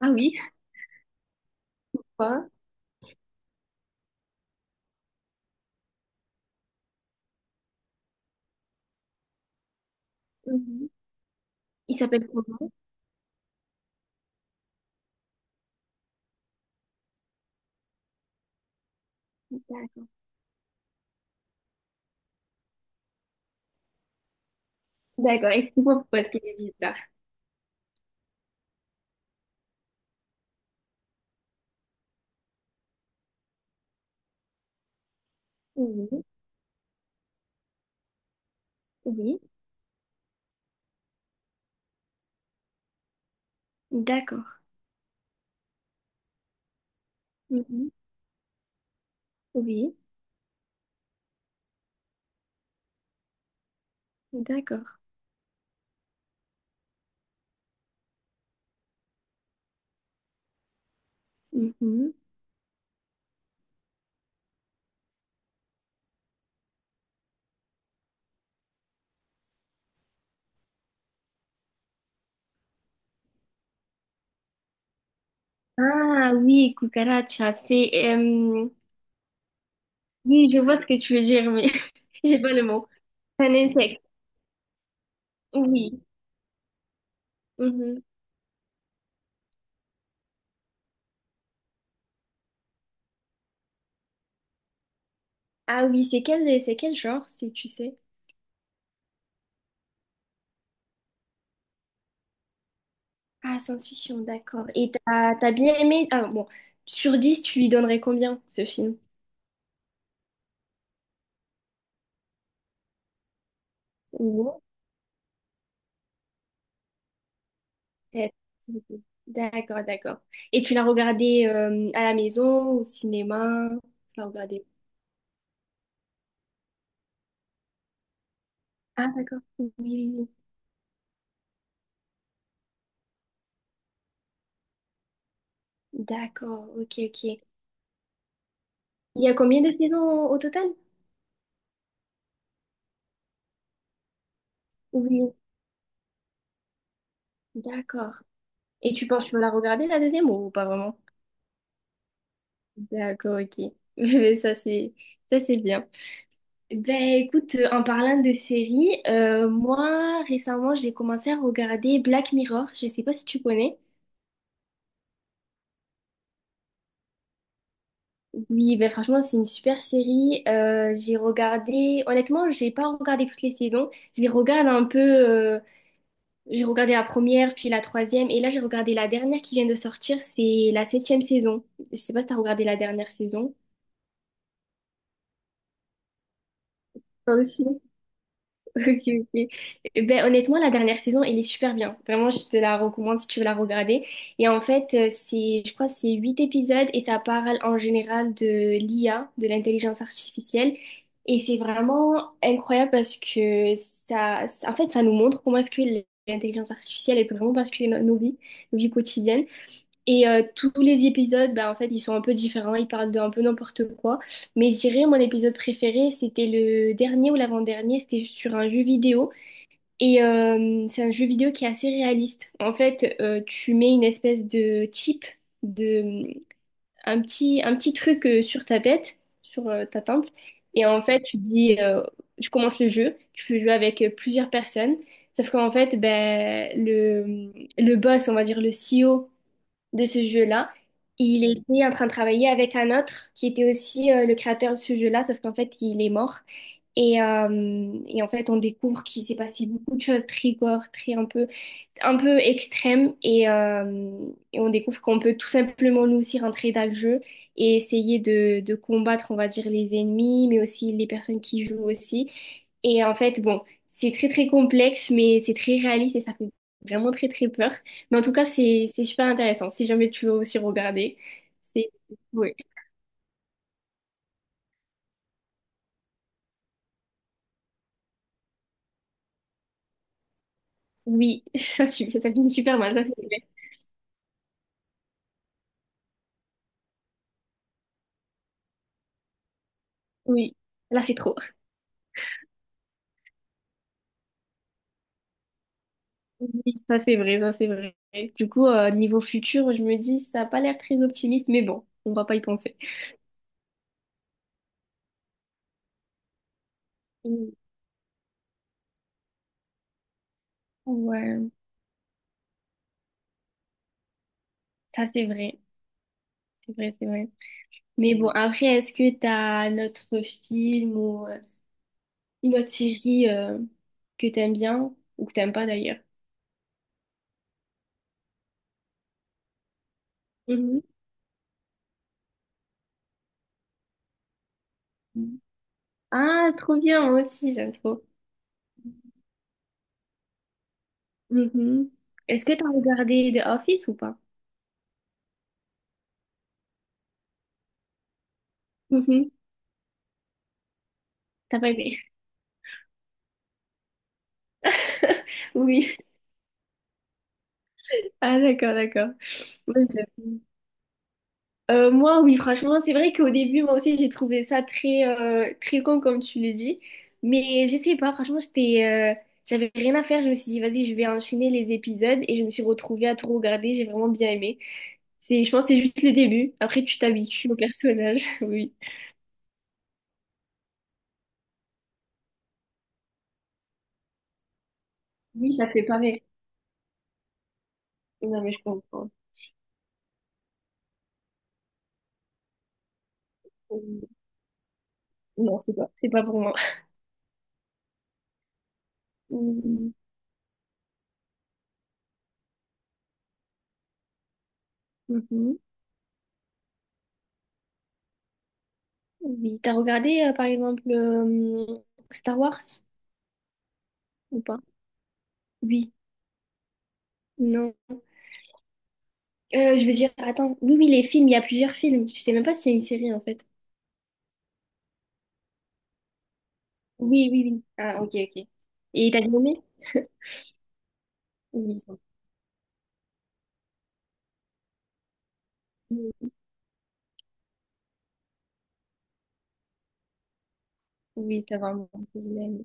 Ah oui, quoi? Mhm. Il s'appelle comment? D'accord. D'accord, explique-moi pourquoi est-ce qu'il est bizarre. Oui, oui, d'accord. Mhm. Oui, d'accord. Mhm. Ah oui, cucaracha, c'est. Oui, je vois ce que tu veux dire, mais j'ai pas le mot. C'est un insecte, oui. Mhm. Ah oui, c'est quel genre, si tu sais? Ah, science-fiction, d'accord. Et t'as bien aimé. Ah bon, sur 10, tu lui donnerais combien, ce film? Pet Cemetery. D'accord, d'accord. Et tu l'as regardé à la maison, au cinéma? Tu l'as regardé. Ah, d'accord. Oui, oui, oui. D'accord, ok, ok. Il y a combien de saisons au total? Oui. D'accord. Et tu penses que tu vas la regarder la deuxième ou pas vraiment? D'accord, ok. Mais ça c'est bien. Ben écoute, en parlant de séries, moi récemment j'ai commencé à regarder Black Mirror. Je sais pas si tu connais. Oui, ben franchement, c'est une super série. J'ai regardé, honnêtement, j'ai pas regardé toutes les saisons. Je les regarde un peu. J'ai regardé la première, puis la troisième, et là j'ai regardé la dernière qui vient de sortir. C'est la septième saison. Je sais pas si t'as regardé la dernière saison. Toi aussi. Ok, ok. Eh ben, honnêtement, la dernière saison, elle est super bien. Vraiment, je te la recommande si tu veux la regarder. Et en fait, c'est, je crois, que c'est huit épisodes et ça parle en général de l'IA, de l'intelligence artificielle. Et c'est vraiment incroyable parce que en fait, ça nous montre comment est-ce que l'intelligence artificielle, elle peut vraiment basculer nos vies quotidiennes. Et tous les épisodes, bah, en fait, ils sont un peu différents, ils parlent de un peu n'importe quoi. Mais je dirais, mon épisode préféré, c'était le dernier ou l'avant-dernier, c'était sur un jeu vidéo. Et c'est un jeu vidéo qui est assez réaliste. En fait, tu mets une espèce de chip, de, un petit truc sur ta tête, sur ta temple. Et en fait, tu dis, je commence le jeu, tu peux jouer avec plusieurs personnes. Sauf qu'en fait, ben, le boss, on va dire le CEO, de ce jeu-là. Il était en train de travailler avec un autre qui était aussi le créateur de ce jeu-là, sauf qu'en fait, il est mort. Et en fait, on découvre qu'il s'est passé beaucoup de choses très gore, très un peu extrêmes. Et on découvre qu'on peut tout simplement nous aussi rentrer dans le jeu et essayer de combattre, on va dire, les ennemis, mais aussi les personnes qui jouent aussi. Et en fait, bon, c'est très très complexe, mais c'est très réaliste et ça fait vraiment très très peur. Mais en tout cas, c'est super intéressant. Si jamais tu veux aussi regarder, c'est. Oui, oui, ça finit super mal, ça c'est vrai. Oui, là c'est trop. Oui, ça c'est vrai, ça c'est vrai. Du coup, niveau futur, je me dis, ça n'a pas l'air très optimiste, mais bon, on va pas y penser. Mm. Ouais, ça c'est vrai, c'est vrai, c'est vrai. Mais bon, après, est-ce que t'as as un autre film ou une autre série que t'aimes bien ou que t'aimes pas d'ailleurs? Mhm. Ah, trop bien, moi aussi, j'aime trop. Mhm. Est-ce que tu as regardé The Office ou pas? Mhm. T'as pas aimé? Oui. Ah d'accord, d'accord. Oui, j'avoue. Moi, oui, franchement, c'est vrai qu'au début, moi aussi, j'ai trouvé ça très, très con, comme tu le dis. Mais je sais pas, franchement, j'avais rien à faire. Je me suis dit, vas-y, je vais enchaîner les épisodes et je me suis retrouvée à tout regarder. J'ai vraiment bien aimé. C'est, je pense que c'est juste le début. Après, tu t'habitues au personnage. Oui. Oui, ça fait pareil. Non, mais je comprends. Euh, Non, c'est pas pour moi. Mhm. Oui, t'as regardé par exemple Star Wars ou pas? Oui, non. Je veux dire, attends, oui, oui, les films, il y a plusieurs films. Je sais même pas s'il y a une série en fait. Oui, oui, oui. Ah, ok, ok. Et t'as bien aimé? Oui, ça, oui, ça va. Moi, j'ai bien aimé.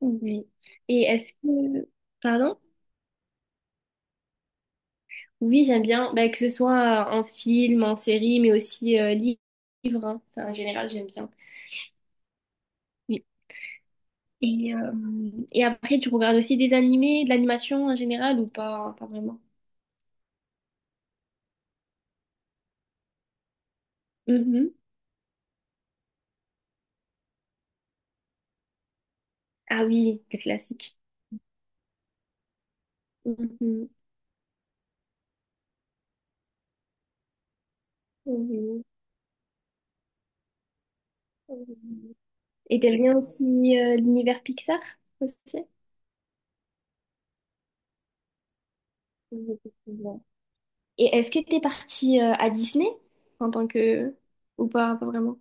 Oui. Et est-ce que. Pardon? Oui, j'aime bien. Bah, que ce soit en film, en série, mais aussi livre, hein. Ça, en général, j'aime bien. Et, euh, et après, tu regardes aussi des animés, de l'animation en général ou pas, pas vraiment? Mhm. Ah oui, le classique. Mhm. Oui, oui. Et t'aimes bien aussi l'univers Pixar aussi? Oui, effectivement. Et est-ce que t'es partie à Disney en tant que. Ou pas, pas vraiment?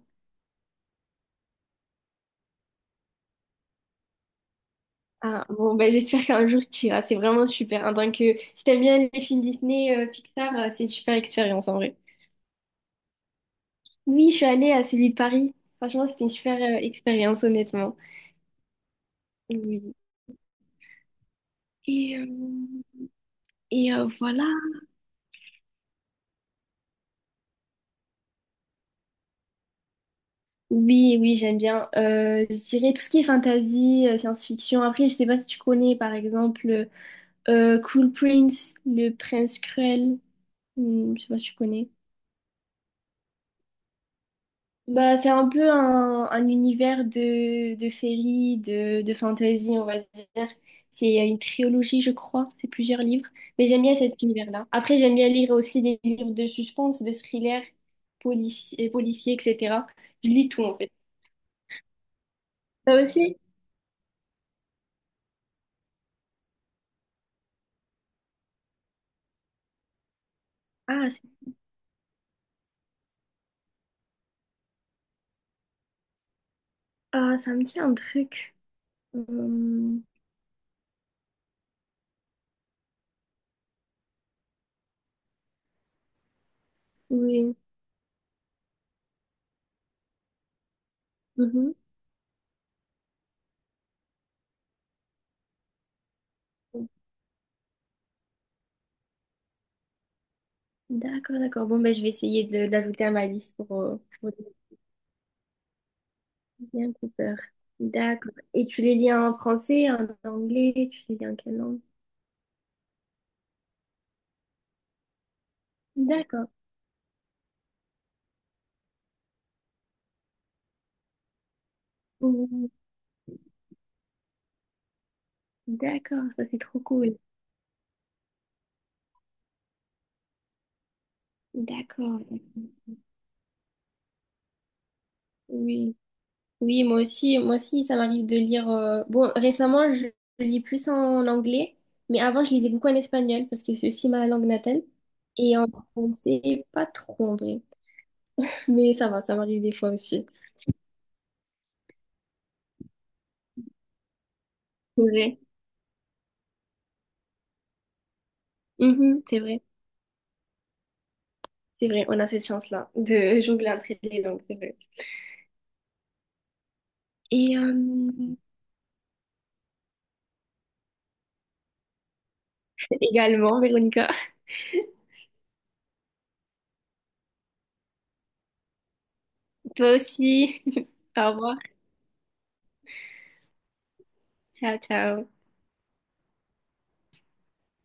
Ah, bon, ben, j'espère qu'un jour tu iras, c'est vraiment super. En tant que. Si t'aimes bien les films Disney, Pixar, c'est une super expérience en vrai. Oui, je suis allée à celui de Paris. Franchement, c'était une super expérience, honnêtement. Oui. Et, euh, et voilà. Oui, oui, j'aime bien. Je dirais tout ce qui est fantasy, science-fiction. Après, je sais pas si tu connais, par exemple, Cool Prince, le prince cruel. Hmm, je sais pas si tu connais. Bah, c'est un peu un univers de féerie, de fantasy, on va dire. C'est une trilogie, je crois. C'est plusieurs livres. Mais j'aime bien cet univers-là. Après, j'aime bien lire aussi des livres de suspense, de thriller, policier, etc. Je lis tout, en fait. Toi aussi? Ah, ça me dit un truc. Hum, oui. Mhm. D'accord, d'accord. Bon, ben, je vais essayer de d'ajouter à ma liste pour les liens Cooper. D'accord. Et tu les lis en français, en anglais? Tu les lis en quelle langue? D'accord. Hum, d'accord, ça c'est trop cool. D'accord. Oui. Oui, moi aussi, ça m'arrive de lire. Bon, récemment, je lis plus en anglais, mais avant, je lisais beaucoup en espagnol parce que c'est aussi ma langue natale. Et en français, pas trop en vrai. Mais ça va, ça m'arrive des fois aussi. C'est vrai. Mhm, c'est vrai, c'est vrai. On a cette chance-là de jongler entre les langues, c'est vrai. Et euh, également, Véronica, toi aussi. Au revoir. Ciao, ciao.